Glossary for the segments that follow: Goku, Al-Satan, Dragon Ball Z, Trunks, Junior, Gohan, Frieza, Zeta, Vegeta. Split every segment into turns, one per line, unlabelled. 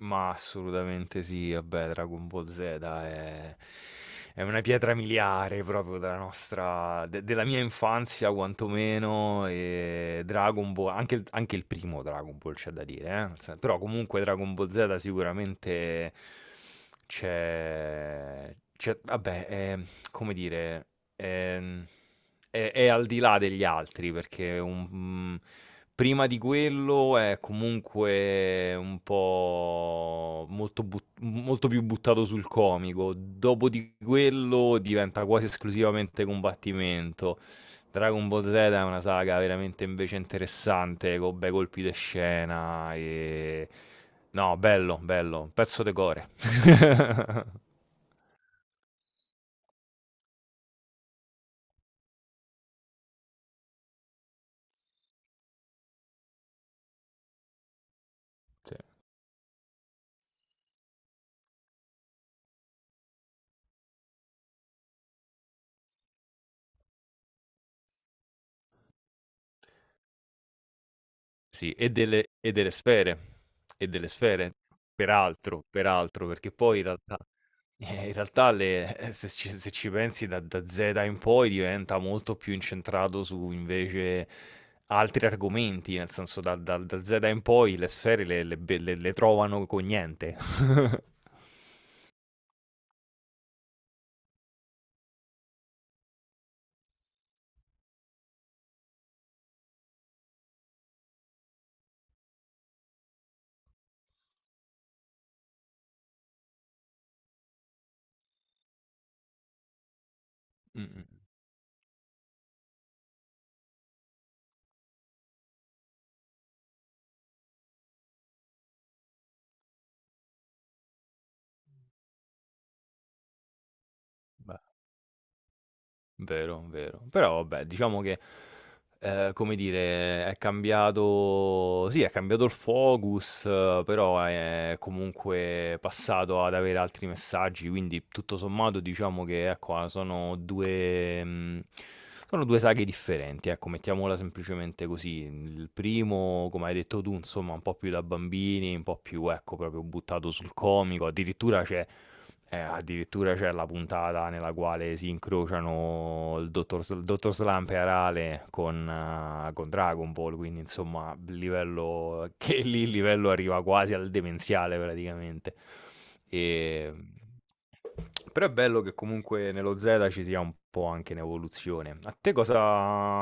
Ma assolutamente sì, vabbè, Dragon Ball Z è una pietra miliare proprio della nostra, della mia infanzia quantomeno, e Dragon Ball, anche il primo Dragon Ball c'è da dire, eh? Però comunque Dragon Ball Z sicuramente c'è, c'è- vabbè, è- come dire, è è al di là degli altri perché un prima di quello è comunque un po' molto più buttato sul comico, dopo di quello diventa quasi esclusivamente combattimento. Dragon Ball Z è una saga veramente invece interessante, con bei colpi de scena e no, bello, bello, pezzo de core. Sì. Sì, e delle sfere, e delle sfere, peraltro, peraltro, perché poi in realtà le se ci pensi da Zeta in poi diventa molto più incentrato su invece altri argomenti, nel senso da Zeta in poi le sfere le be le trovano con niente. Mh-mh, beh. Vero, vero. Però vabbè, diciamo che, come dire, è cambiato sì, è cambiato il focus, però è comunque passato ad avere altri messaggi, quindi tutto sommato diciamo che, ecco, a sono 2 sono 2 saghe differenti, ecco, mettiamola semplicemente così. Il primo, come hai detto tu, insomma, un po' più da bambini, un po' più, ecco, proprio buttato sul comico, addirittura c'è la puntata nella quale si incrociano il dottor Slump e Arale con Dragon Ball, quindi insomma, livello, che lì il livello arriva quasi al demenziale praticamente. E... Però è bello che comunque nello Z ci sia un po' anche in evoluzione. A te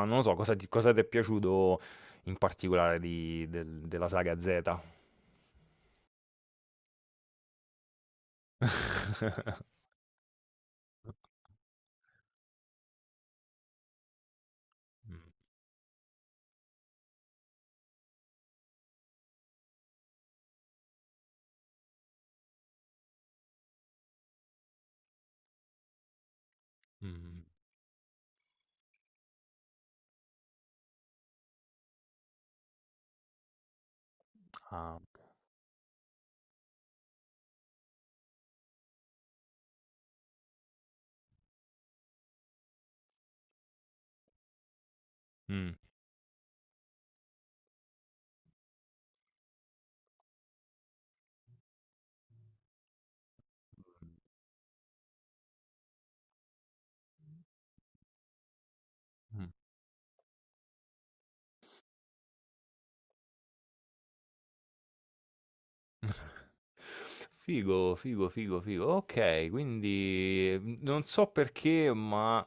non lo so, cosa ti è piaciuto in particolare della saga Z? Mm, mm, ah, mm. Mh. Figo, figo, figo, figo. Okay, quindi, non so perché, ma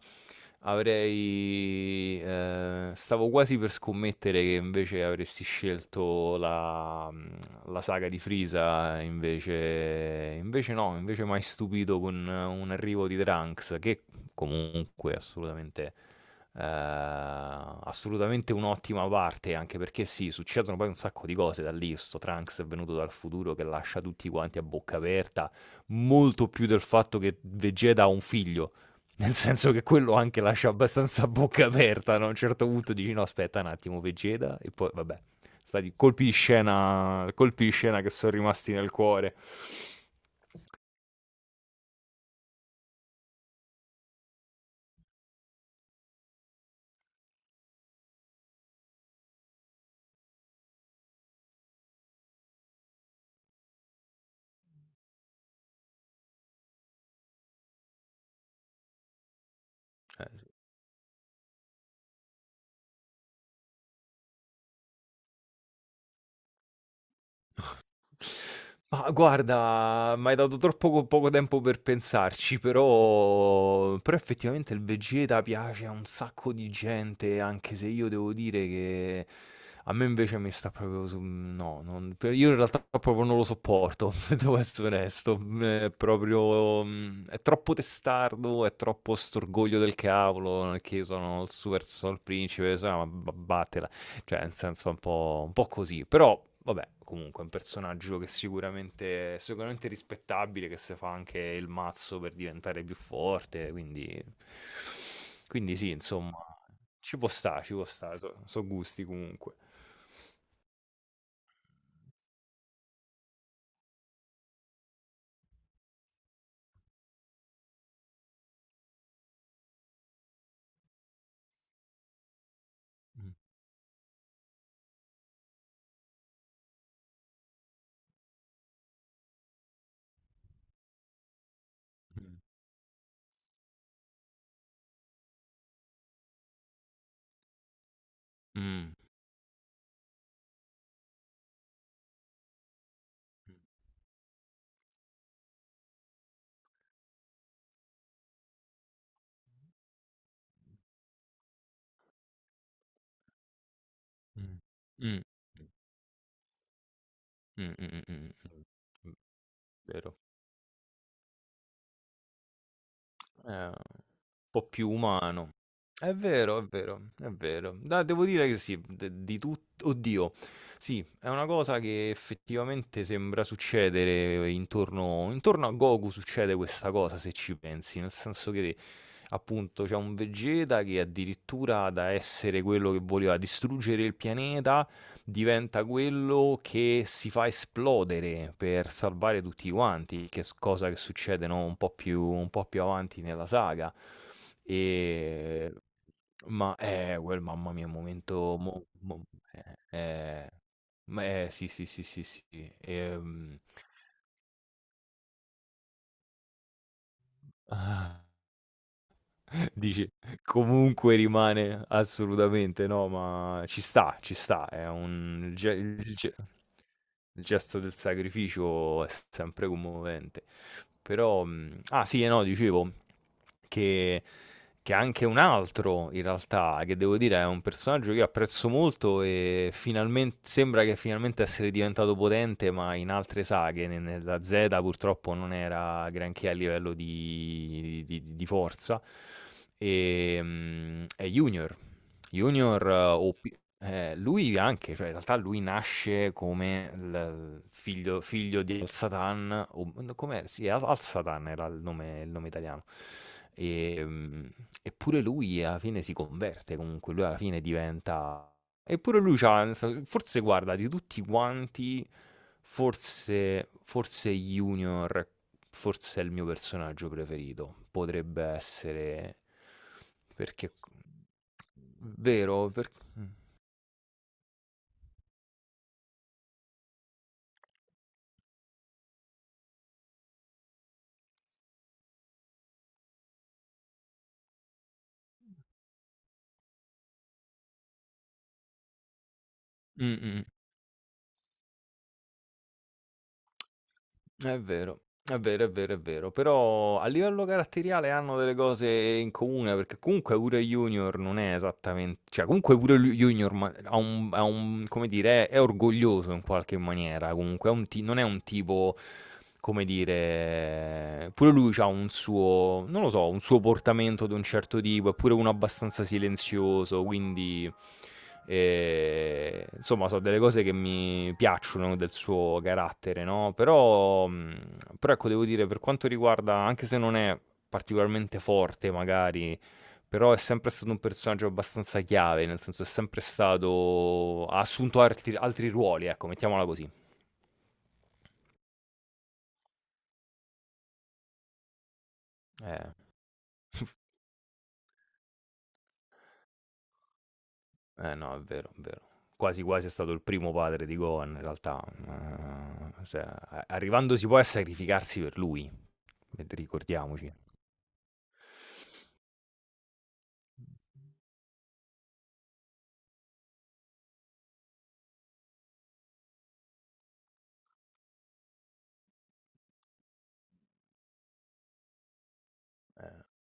avrei stavo quasi per scommettere che invece avresti scelto la la saga di Frieza, invece no, invece m'hai stupito con un arrivo di Trunks che comunque assolutamente. Eh, Assolutamente un'ottima parte, anche perché sì, succedono poi un sacco di cose da lì. Sto Trunks è venuto dal futuro che lascia tutti quanti a bocca aperta, molto più del fatto che Vegeta ha un figlio. Nel senso che quello anche lascia abbastanza a bocca aperta, no? A un certo punto dici no, aspetta un attimo, Vegeta, e poi vabbè, stati colpi di scena che sono rimasti nel cuore. Eh, Ma guarda, m'hai dato troppo poco tempo per pensarci, però effettivamente il Vegeta piace a un sacco di gente, anche se io devo dire che a me invece mi sta proprio su... No, io in realtà proprio non lo sopporto, se devo essere onesto. È proprio... È troppo testardo, è troppo storgoglio del cavolo, non è che io sono il super sono il principe, so, ma battela. Cioè, nel senso, è un po' così. Però, vabbè, comunque è un personaggio che sicuramente è rispettabile, che si fa anche il mazzo per diventare più forte, quindi... Quindi sì, insomma, ci può stare, sono gusti comunque. Mh, mh, mh, mh, mh, mh, mh, mh, mh, mh, vero. Un po' più umano. È vero, è vero, è vero. Da Devo dire che sì, de di tut oddio, sì, è una cosa che effettivamente sembra succedere intorno a Goku, succede questa cosa se ci pensi, nel senso che appunto c'è un Vegeta che addirittura da essere quello che voleva distruggere il pianeta diventa quello che si fa esplodere per salvare tutti quanti, che cosa che succede no? Un po' più, un po' più avanti nella saga. E... Ma quel mamma mia, momento... eh, eh, sì, sì, sì, sì, sì. Ehm, ah, Dici, comunque rimane assolutamente no, ma ci sta, ci sta. È un... Il gesto del sacrificio è sempre commovente. Però, ah sì, e no, dicevo che anche un altro in realtà, che devo dire è un personaggio che io apprezzo molto e finalmen sembra che finalmente essere diventato potente, ma in altre saghe, ne nella Z purtroppo non era granché a livello di forza, è Junior. Junior, o pi lui anche, cioè in realtà lui nasce come il figlio di Al-Satan, o n com'è? Sì, Al Al-Satan era il nome italiano. Ehm, Eppure lui alla fine si converte, comunque lui alla fine diventa, eppure lui c'ha nel sen forse guarda, di tutti quanti, forse, forse Junior, forse è il mio personaggio preferito. Potrebbe essere perché, vero? Mm, mm. È vero, è vero, è vero, è vero. Però a livello caratteriale hanno delle cose in comune, perché comunque pure Junior non è esattamente, cioè comunque Junior ha un, come dire, è orgoglioso in qualche maniera, comunque è un non è un tipo, come dire, pure lui ha un suo, non lo so, un suo portamento di un certo tipo, è pure uno abbastanza silenzioso, quindi... E, insomma, sono delle cose che mi piacciono del suo carattere, no? Però, però ecco, devo dire, per quanto riguarda, anche se non è particolarmente forte, magari, però è sempre stato un personaggio abbastanza chiave, nel senso è sempre stato, ha assunto altri, altri ruoli, ecco, mettiamola così. Eh, no, è vero, è vero. Quasi quasi è stato il primo padre di Gohan, in realtà. Arrivandosi poi a sacrificarsi per lui, ricordiamoci. Eh.